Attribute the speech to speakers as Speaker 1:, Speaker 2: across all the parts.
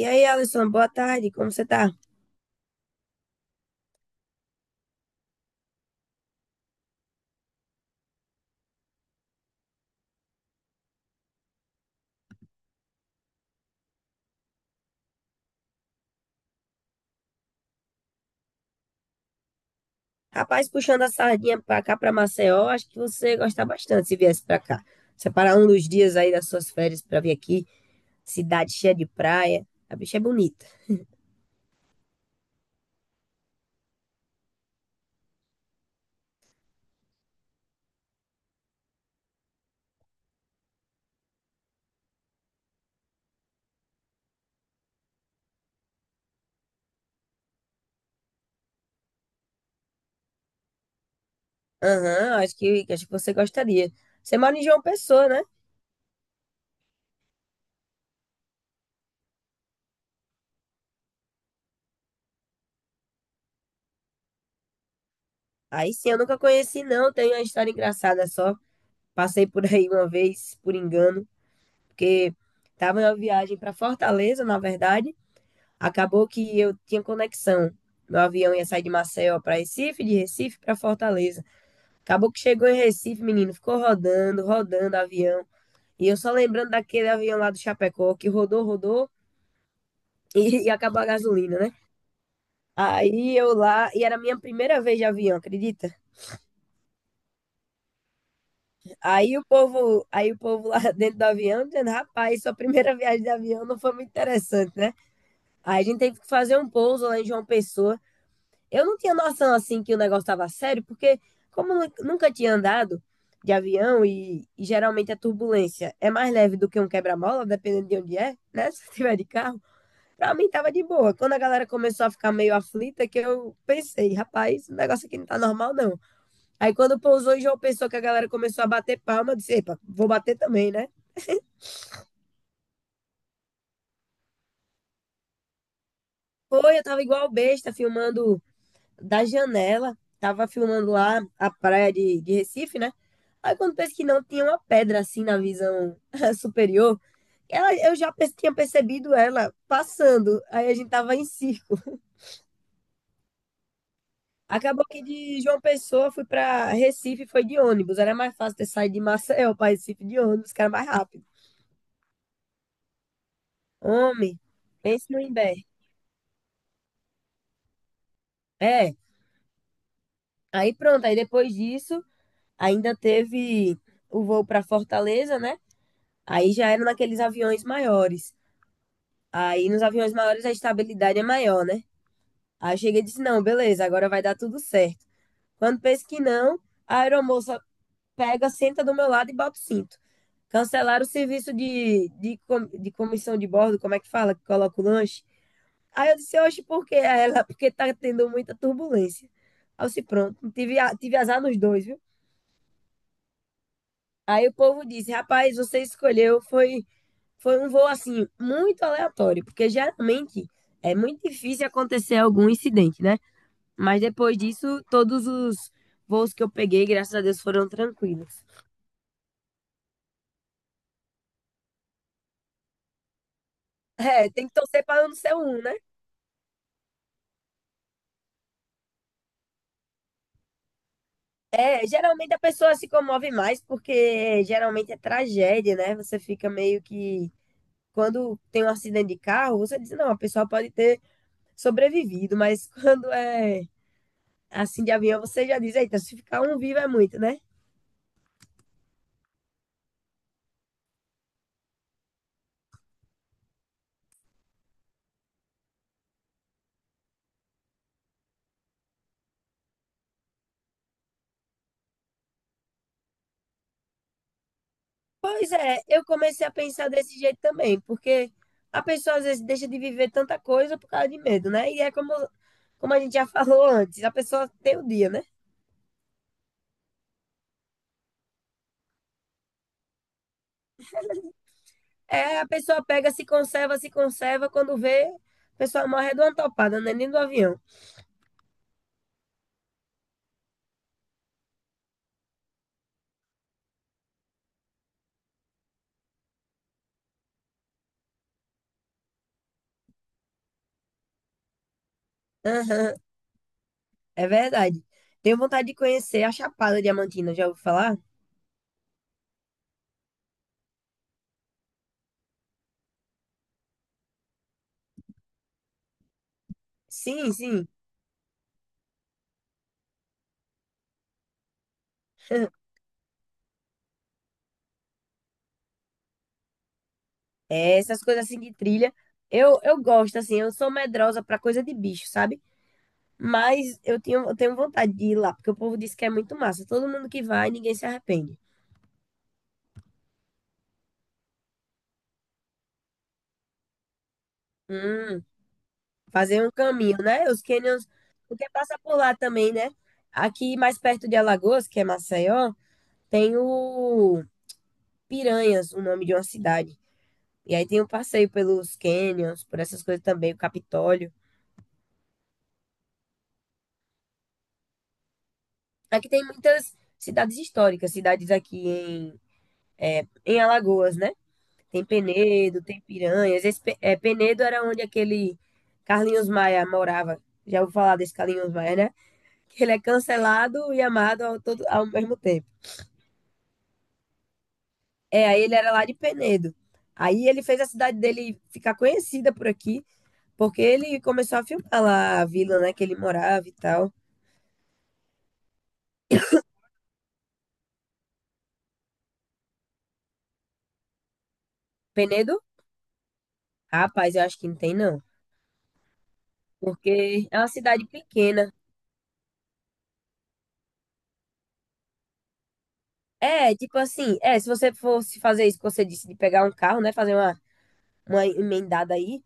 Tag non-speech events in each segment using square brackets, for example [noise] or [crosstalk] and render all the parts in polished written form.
Speaker 1: E aí, Alisson, boa tarde, como você tá? Rapaz, puxando a sardinha pra cá, pra Maceió, acho que você ia gostar bastante se viesse pra cá. Separar um dos dias aí das suas férias pra vir aqui, cidade cheia de praia, a bicha é bonita. Aham, acho que você gostaria. Você mora em João Pessoa, né? Aí sim, eu nunca conheci não, tenho uma história engraçada só. Passei por aí uma vez, por engano, porque tava em uma viagem pra Fortaleza, na verdade, acabou que eu tinha conexão. Meu avião ia sair de Maceió para Recife, de Recife para Fortaleza. Acabou que chegou em Recife, menino, ficou rodando, rodando avião. E eu só lembrando daquele avião lá do Chapecó que rodou, rodou [laughs] e acabou a gasolina, né? Aí eu lá, e era a minha primeira vez de avião, acredita? Aí o povo lá [laughs] dentro do avião dizendo, rapaz, sua primeira [laughs] viagem de avião não foi muito interessante, né? Aí a gente teve que fazer um pouso lá em João Pessoa. Eu não tinha noção assim que o negócio estava sério, porque nunca tinha andado de avião e geralmente a turbulência é mais leve do que um quebra-mola, dependendo de onde é, né? [laughs] Se tiver de carro, pra mim tava de boa. Quando a galera começou a ficar meio aflita, que eu pensei, rapaz, o negócio aqui não tá normal, não. Aí quando pousou e João pensou que a galera começou a bater palma, eu disse, epa, vou bater também, né? Foi, eu tava igual besta filmando da janela, tava filmando lá a praia de Recife, né? Aí quando penso que não, tinha uma pedra assim na visão [laughs] superior. Ela, tinha percebido ela passando. Aí a gente tava em circo. Acabou que de João Pessoa fui pra Recife, foi de ônibus. Era mais fácil ter saído de Maceió pra Recife de ônibus, que era mais rápido. Homem, pense no Imbé. É, aí pronto. Aí depois disso, ainda teve o voo para Fortaleza, né? Aí já era naqueles aviões maiores. Aí nos aviões maiores a estabilidade é maior, né? Aí eu cheguei e disse: não, beleza, agora vai dar tudo certo. Quando penso que não, a aeromoça pega, senta do meu lado e bota o cinto. Cancelaram o serviço de comissão de bordo, como é que fala, que coloca o lanche. Aí eu disse: oxe, por quê? Aí ela, [laughs] porque tá tendo muita turbulência. Aí eu disse: pronto, tive azar nos dois, viu? Aí o povo disse: rapaz, você escolheu, foi. Foi um voo assim muito aleatório, porque geralmente é muito difícil acontecer algum incidente, né? Mas depois disso, todos os voos que eu peguei, graças a Deus, foram tranquilos. É, tem que torcer para não ser um, né? É, geralmente a pessoa se comove mais porque geralmente é tragédia, né? Você fica meio que quando tem um acidente de carro, você diz, não, a pessoa pode ter sobrevivido, mas [laughs] quando é assim de avião, você já diz, eita, se ficar um vivo é muito, né? Pois é, eu comecei a pensar desse jeito também, porque a pessoa às vezes deixa de viver tanta coisa por causa de medo, né? E é como, como a gente já [laughs] falou antes, a pessoa tem o dia, né? É, a pessoa pega, se conserva, se conserva, quando vê, a pessoa morre de uma topada, né? Nem do avião. Aham, é verdade. Tenho vontade de conhecer a Chapada Diamantina, já ouviu falar? Sim, sim. [laughs] É, essas coisas assim de trilha. Eu gosto, assim, eu sou medrosa pra coisa de bicho, sabe? Mas eu tinha, eu tenho vontade de ir lá, porque o povo diz que é muito massa. Todo mundo que vai, ninguém se arrepende. Hum, fazer um caminho, né? Os canyons, porque passa por lá também, né? Aqui mais perto de Alagoas, que é Maceió, tem o Piranhas, o nome de uma cidade. E aí tem um passeio pelos canyons, por essas coisas também, o Capitólio. Aqui tem muitas cidades históricas, cidades é, em Alagoas, né? Tem Penedo, tem Piranhas. Penedo era onde aquele Carlinhos Maia morava. Já ouviu falar desse Carlinhos Maia, né? Que ele é cancelado e amado ao, todo, ao mesmo tempo. É, aí ele era lá de Penedo. Aí ele fez a cidade dele ficar conhecida por aqui, porque ele começou a filmar lá a vila, né, que ele morava e tal. Penedo? Rapaz, eu acho que não tem, não. Porque é uma cidade pequena. É, tipo assim, é, se você fosse fazer isso que você disse, de pegar um carro, né, fazer uma emendada aí,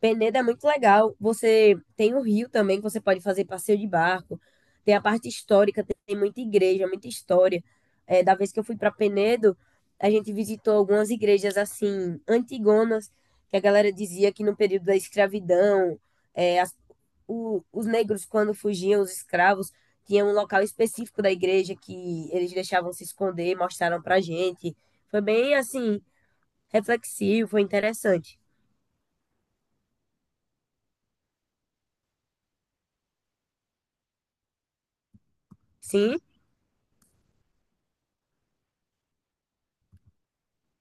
Speaker 1: Penedo é muito legal. Você tem o rio também, que você pode fazer passeio de barco. Tem a parte histórica, tem muita igreja, muita história. É, da vez que eu fui para Penedo, a gente visitou algumas igrejas assim, antigonas, que a galera dizia que no período da escravidão, é, as- os negros, quando fugiam, os escravos, tinham um local específico da igreja que eles deixavam se esconder, mostraram pra gente. Foi bem assim, reflexivo, foi interessante. Sim.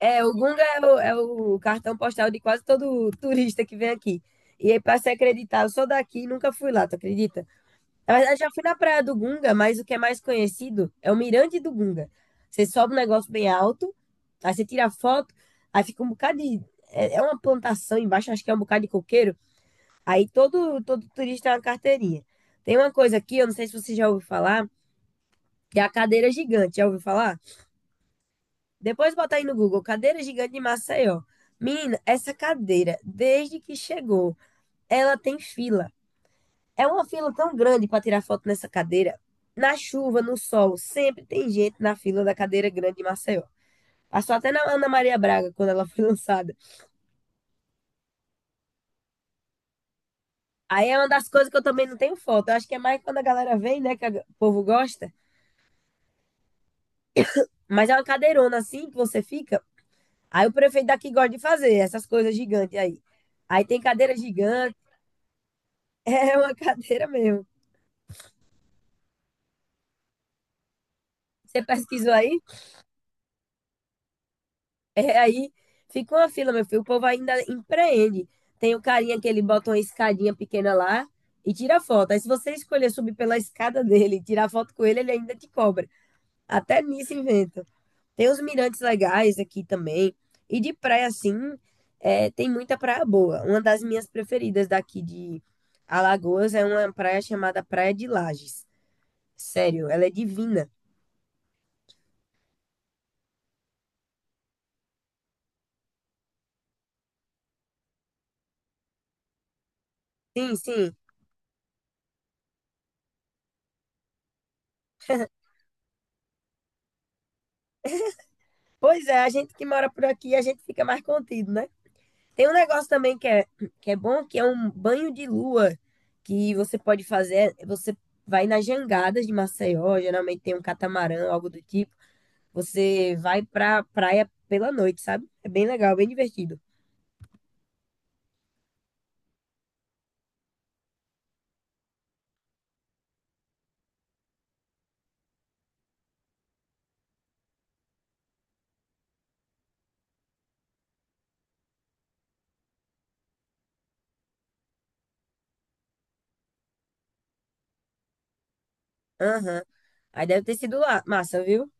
Speaker 1: É, o Gunga é é o cartão postal de quase todo turista que vem aqui. E aí, pra se acreditar, eu sou daqui e nunca fui lá, tu acredita? Na verdade, já fui na Praia do Gunga, mas o que é mais conhecido é o Mirante do Gunga. Você sobe um negócio bem alto, aí você tira foto, aí fica um bocado de. É uma plantação embaixo, acho que é um bocado de coqueiro. Todo turista é uma carteirinha. Tem uma coisa aqui, eu não sei se você já ouviu falar, que é a cadeira gigante. Já ouviu falar? Depois botar aí no Google, cadeira gigante de Maceió. Menina, essa cadeira, desde que chegou, ela tem fila. É uma fila tão grande para tirar foto nessa cadeira. Na chuva, no sol, sempre tem gente na fila da cadeira grande de Maceió. Passou até na Ana Maria Braga, quando ela [laughs] foi lançada. Aí é uma das coisas que eu também não tenho foto. Eu acho que é mais quando a galera vem, né, o povo gosta. Mas é uma cadeirona assim que você fica. Aí o prefeito daqui gosta de fazer essas coisas gigantes aí. Aí tem cadeira gigante, [laughs] é uma cadeira mesmo. Você pesquisou aí? É, aí fica uma fila, meu filho. O povo ainda empreende. Tem o carinha que ele bota uma escadinha pequena lá e tira foto. Aí se você escolher subir pela escada dele e tirar foto com ele, ele ainda te cobra. Até nisso inventa. Tem os mirantes legais aqui também. E de praia, assim, é, tem muita praia boa. Uma das minhas preferidas daqui de Alagoas é uma praia chamada Praia de Lages. Sério, ela é divina. Sim, sim. Pois é, a gente que mora por aqui, a gente fica mais contido, né? Tem um negócio também que é bom, que é um banho de lua que você pode fazer. Você vai nas jangadas de Maceió, geralmente tem um catamarã, algo do tipo. Você vai pra praia pela noite, sabe? É bem legal, bem divertido. Aham. Aí deve ter sido lá. Massa, viu?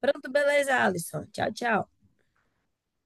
Speaker 1: Pronto, beleza, Alisson. Tchau, tchau.